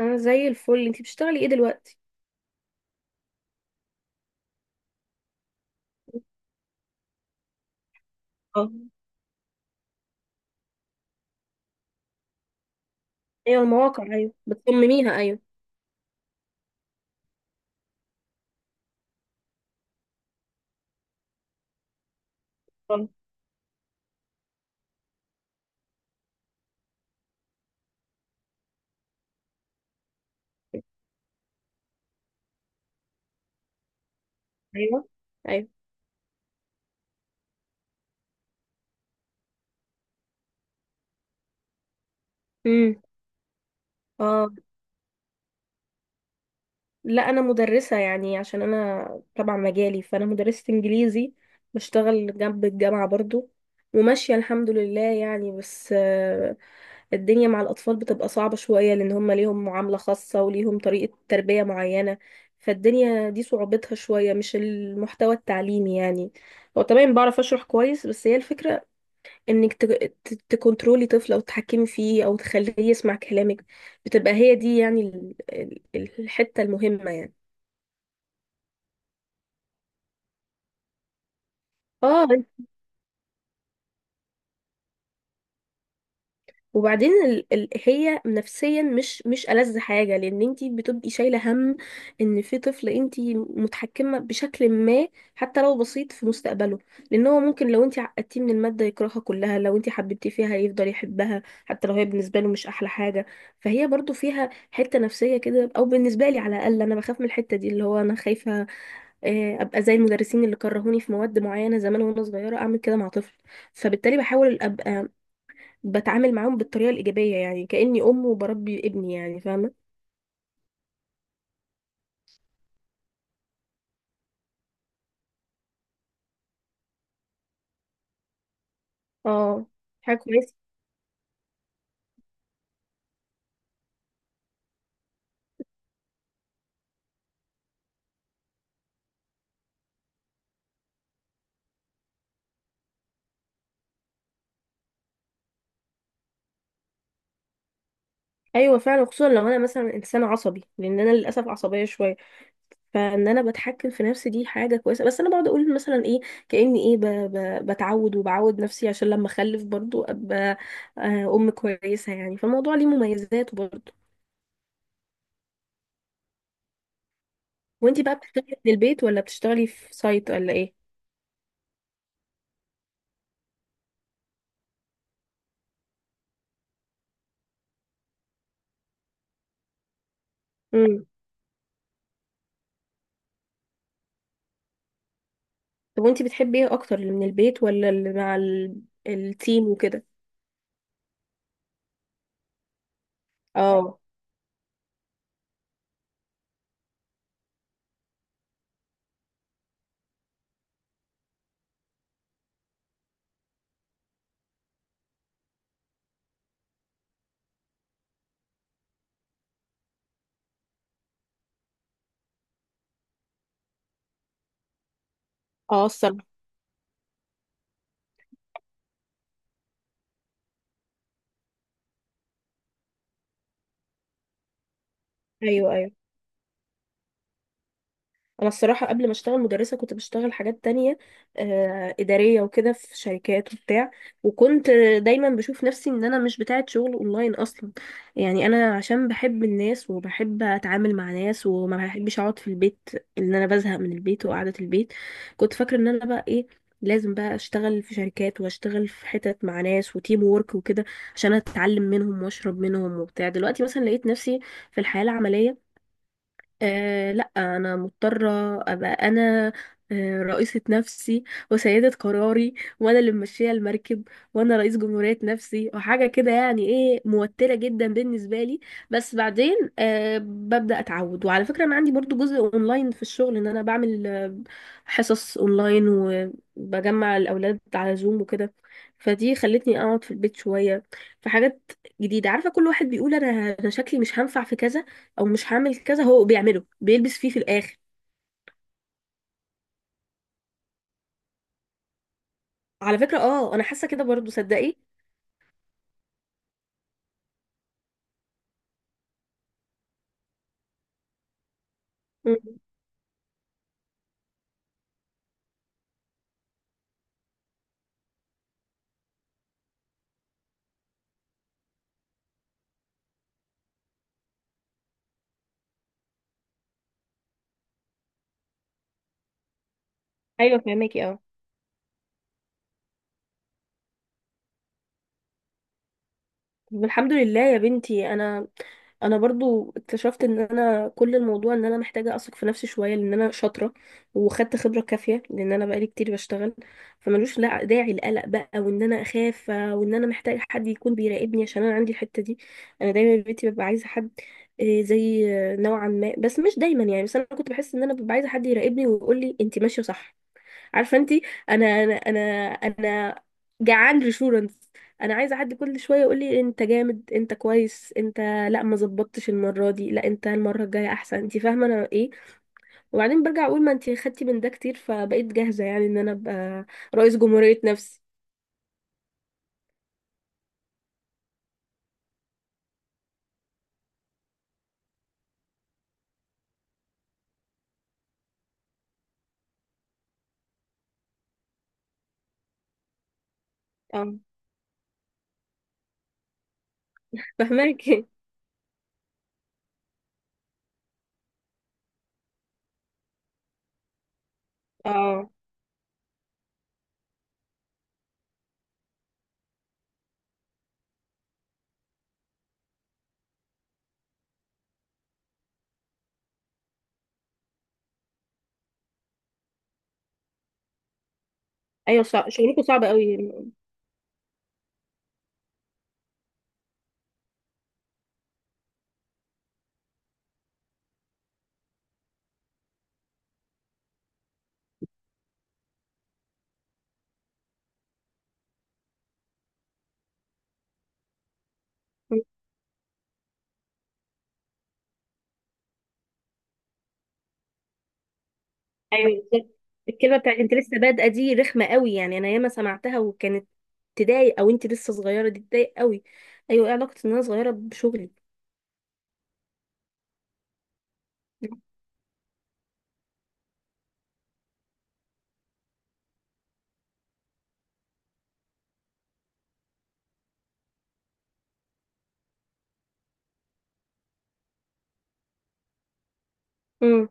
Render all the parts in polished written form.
انا زي الفل. انتي بتشتغلي ايه دلوقتي؟ اه. ايوه، المواقع، ايوه بتصمميها، ايوه. آه. ايوه، ايوه. امم. اه. لا، انا مدرسه يعني عشان انا تبع مجالي، فانا مدرسه انجليزي، بشتغل جنب الجامعه برضو. وماشيه الحمد لله يعني، بس الدنيا مع الاطفال بتبقى صعبه شويه لان هم ليهم معامله خاصه وليهم طريقه تربيه معينه. فالدنيا دي صعوبتها شويه، مش المحتوى التعليمي يعني. هو تمام، بعرف اشرح كويس، بس هي الفكره انك تكنترولي طفل، او تتحكمي فيه، او تخليه يسمع كلامك. بتبقى هي دي يعني الحتة المهمة يعني. اه. وبعدين هي نفسيا مش ألذ حاجة، لأن انتي بتبقي شايلة هم إن في طفل انتي متحكمة بشكل ما، حتى لو بسيط، في مستقبله. لأن هو ممكن لو انتي عقدتيه من المادة يكرهها كلها، لو انتي حببتيه فيها يفضل يحبها حتى لو هي بالنسبة له مش أحلى حاجة. فهي برضو فيها حتة نفسية كده، أو بالنسبة لي على الأقل، أنا بخاف من الحتة دي، اللي هو أنا خايفة أبقى زي المدرسين اللي كرهوني في مواد معينة زمان وأنا صغيرة، أعمل كده مع طفل. فبالتالي بحاول ابقى بتعامل معاهم بالطريقة الإيجابية، يعني كأني أم وبربي ابني، يعني فاهمة. اه، حاجة كويسة. أيوة فعلا، خصوصا لو أنا مثلا إنسان عصبي، لأن أنا للأسف عصبية شوية. فإن أنا بتحكم في نفسي دي حاجة كويسة، بس أنا بقعد أقول مثلا إيه، كأني إيه بتعود وبعود نفسي، عشان لما أخلف برضو أبقى أم كويسة يعني، فالموضوع ليه مميزات برضو. وأنتي بقى بتشتغلي من البيت ولا بتشتغلي في سايت ولا إيه؟ امم. طب وأنتي بتحبي إيه أكتر، اللي من البيت ولا اللي مع التيم وكده؟ اه. اه، الصراحة. ايوه، ايوه. انا الصراحة قبل ما اشتغل مدرسة كنت بشتغل حاجات تانية، ادارية وكده في شركات وبتاع. وكنت دايما بشوف نفسي ان انا مش بتاعة شغل اونلاين اصلا، يعني انا عشان بحب الناس وبحب اتعامل مع ناس وما بحبش اقعد في البيت، ان انا بزهق من البيت وقعدة البيت. كنت فاكرة ان انا بقى ايه، لازم بقى اشتغل في شركات واشتغل في حتت مع ناس وتيم وورك وكده عشان اتعلم منهم واشرب منهم وبتاع. دلوقتي مثلا لقيت نفسي في الحياة العملية، لا انا مضطره ابقى انا رئيسه نفسي، وسيده قراري، وانا اللي ماشيه المركب، وانا رئيس جمهوريه نفسي وحاجه كده، يعني ايه، موتره جدا بالنسبه لي. بس بعدين ببدا اتعود. وعلى فكره، انا عندي برضو جزء اونلاين في الشغل، ان انا بعمل حصص اونلاين، وبجمع الاولاد على زوم وكده. فدي خلتني اقعد في البيت شويه، في حاجات جديده. عارفه كل واحد بيقول انا شكلي مش هنفع في كذا، او مش هعمل كذا، هو بيعمله بيلبس فيه في الاخر. على فكره، انا حاسه كده برضو، صدقي. مم. ايوه فهماكي، اه. طب الحمد لله يا بنتي، انا برضو اكتشفت ان انا كل الموضوع ان انا محتاجه اثق في نفسي شويه، لان انا شاطره، وخدت خبره كافيه، لان انا بقالي كتير بشتغل. فملوش لا داعي القلق بقى، وان انا اخاف وان انا محتاجه حد يكون بيراقبني، عشان انا عندي الحته دي. انا دايما بيتي ببقى عايزه حد زي نوعا ما، بس مش دايما يعني. بس انا كنت بحس ان انا ببقى عايزه حد يراقبني ويقول لي انت ماشيه صح، عارفه انت. انا انا انا جعان ريشورنس. انا عايزه حد كل شويه يقول لي انت جامد، انت كويس، انت. لا، ما ظبطتش المره دي، لا انت المره الجايه احسن، انت فاهمه انا ايه. وبعدين برجع اقول ما انت خدتي من ده كتير، فبقيت جاهزه، يعني ان انا ابقى رئيس جمهوريه نفسي. اه فاهماكي، اه. ايوه شغلكم صعب قوي. ايوه بالظبط. الكلمه بتاعت انت لسه بادئه دي رخمه قوي، يعني انا ياما سمعتها، وكانت تضايق، او انت لسه صغيره دي تضايق قوي. ايوه، ايه علاقه ان انا صغيره بشغلي. امم.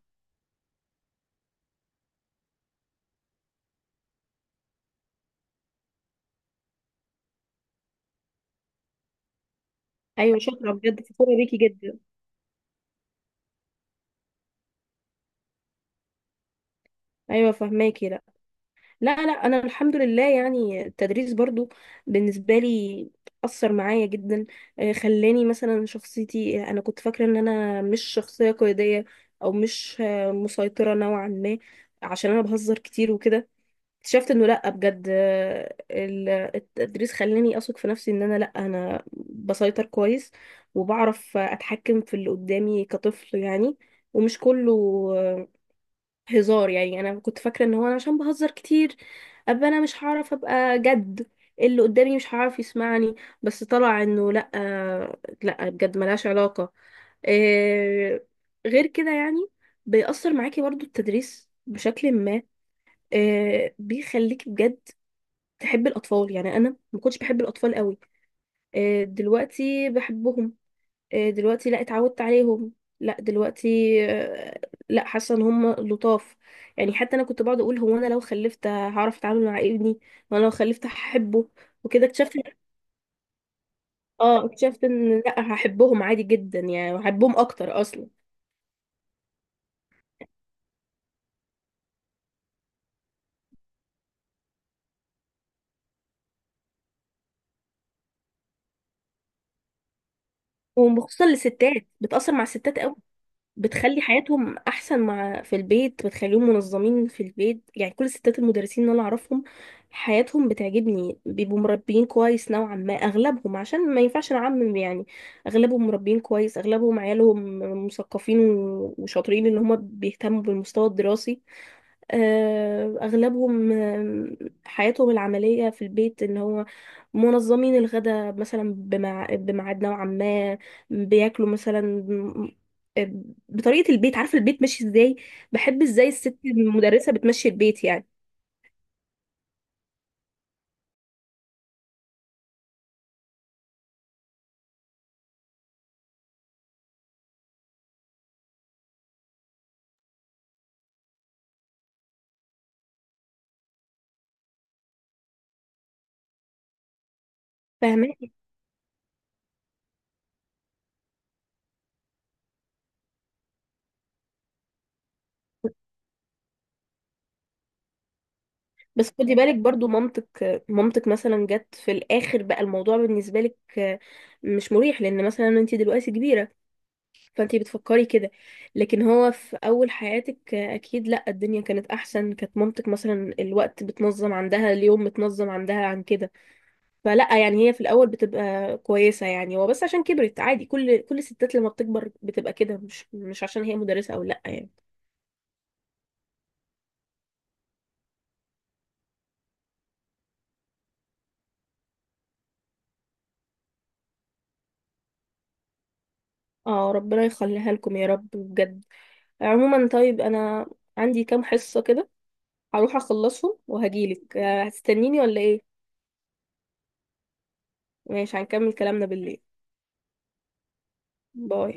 ايوه شكرا بجد، فخوره بيكي جدا. ايوه فهماكي، لا، لا، لا، انا الحمد لله يعني التدريس برضو بالنسبه لي اثر معايا جدا. خلاني مثلا شخصيتي، انا كنت فاكره ان انا مش شخصيه قياديه، او مش مسيطره نوعا ما، عشان انا بهزر كتير وكده. اكتشفت انه لا، بجد التدريس خلاني اثق في نفسي، ان انا لا انا بسيطر كويس وبعرف اتحكم في اللي قدامي كطفل يعني. ومش كله آه، هزار يعني. انا كنت فاكره ان هو انا عشان بهزر كتير ابقى انا مش هعرف ابقى جد، اللي قدامي مش هعرف يسمعني. بس طلع انه لا، لا بجد ملهاش علاقه، آه، غير كده يعني. بيأثر معاكي برضو التدريس بشكل ما، بيخليكي بجد تحب الأطفال، يعني أنا ما كنتش بحب الأطفال قوي. دلوقتي بحبهم. دلوقتي لا اتعودت عليهم. لا دلوقتي آه، لا، حاسة ان هم لطاف يعني. حتى أنا كنت بقعد أقول هو أنا لو خلفت هعرف أتعامل مع ابني، وأنا لو خلفت هحبه وكده. اكتشفت، اه اكتشفت ان لا، هحبهم عادي جدا يعني، وهحبهم اكتر اصلا. وخصوصا الستات بتأثر مع الستات، بتخلي حياتهم احسن مع في البيت، بتخليهم منظمين في البيت، يعني كل الستات المدرسين اللي انا اعرفهم حياتهم بتعجبني، بيبقوا مربيين كويس نوعا ما اغلبهم، عشان ما ينفعش نعمم يعني. اغلبهم مربيين كويس، اغلبهم عيالهم مثقفين وشاطرين، ان هم بيهتموا بالمستوى الدراسي. اغلبهم حياتهم العمليه في البيت ان هو منظمين الغداء مثلا بميعاد نوعا ما، بياكلوا مثلا بطريقه البيت، عارفه البيت ماشي ازاي، بحب ازاي الست المدرسه بتمشي البيت يعني. فاهمه. بس خدي بالك برضو، مامتك مامتك مثلا جت في الاخر، بقى الموضوع بالنسبه لك مش مريح، لان مثلا انت دلوقتي كبيره فانتي بتفكري كده. لكن هو في اول حياتك اكيد لا، الدنيا كانت احسن، كانت مامتك مثلا الوقت بتنظم عندها، اليوم متنظم عندها عن كده. فلا يعني هي في الاول بتبقى كويسة، يعني هو بس عشان كبرت، عادي كل الستات لما بتكبر بتبقى كده، مش عشان هي مدرسة او لا يعني. اه، ربنا يخليها لكم يا رب بجد. عموما طيب، انا عندي كام حصة كده، هروح اخلصهم وهجيلك. هتستنيني ولا ايه؟ ماشي، هنكمل كلامنا بالليل. باي.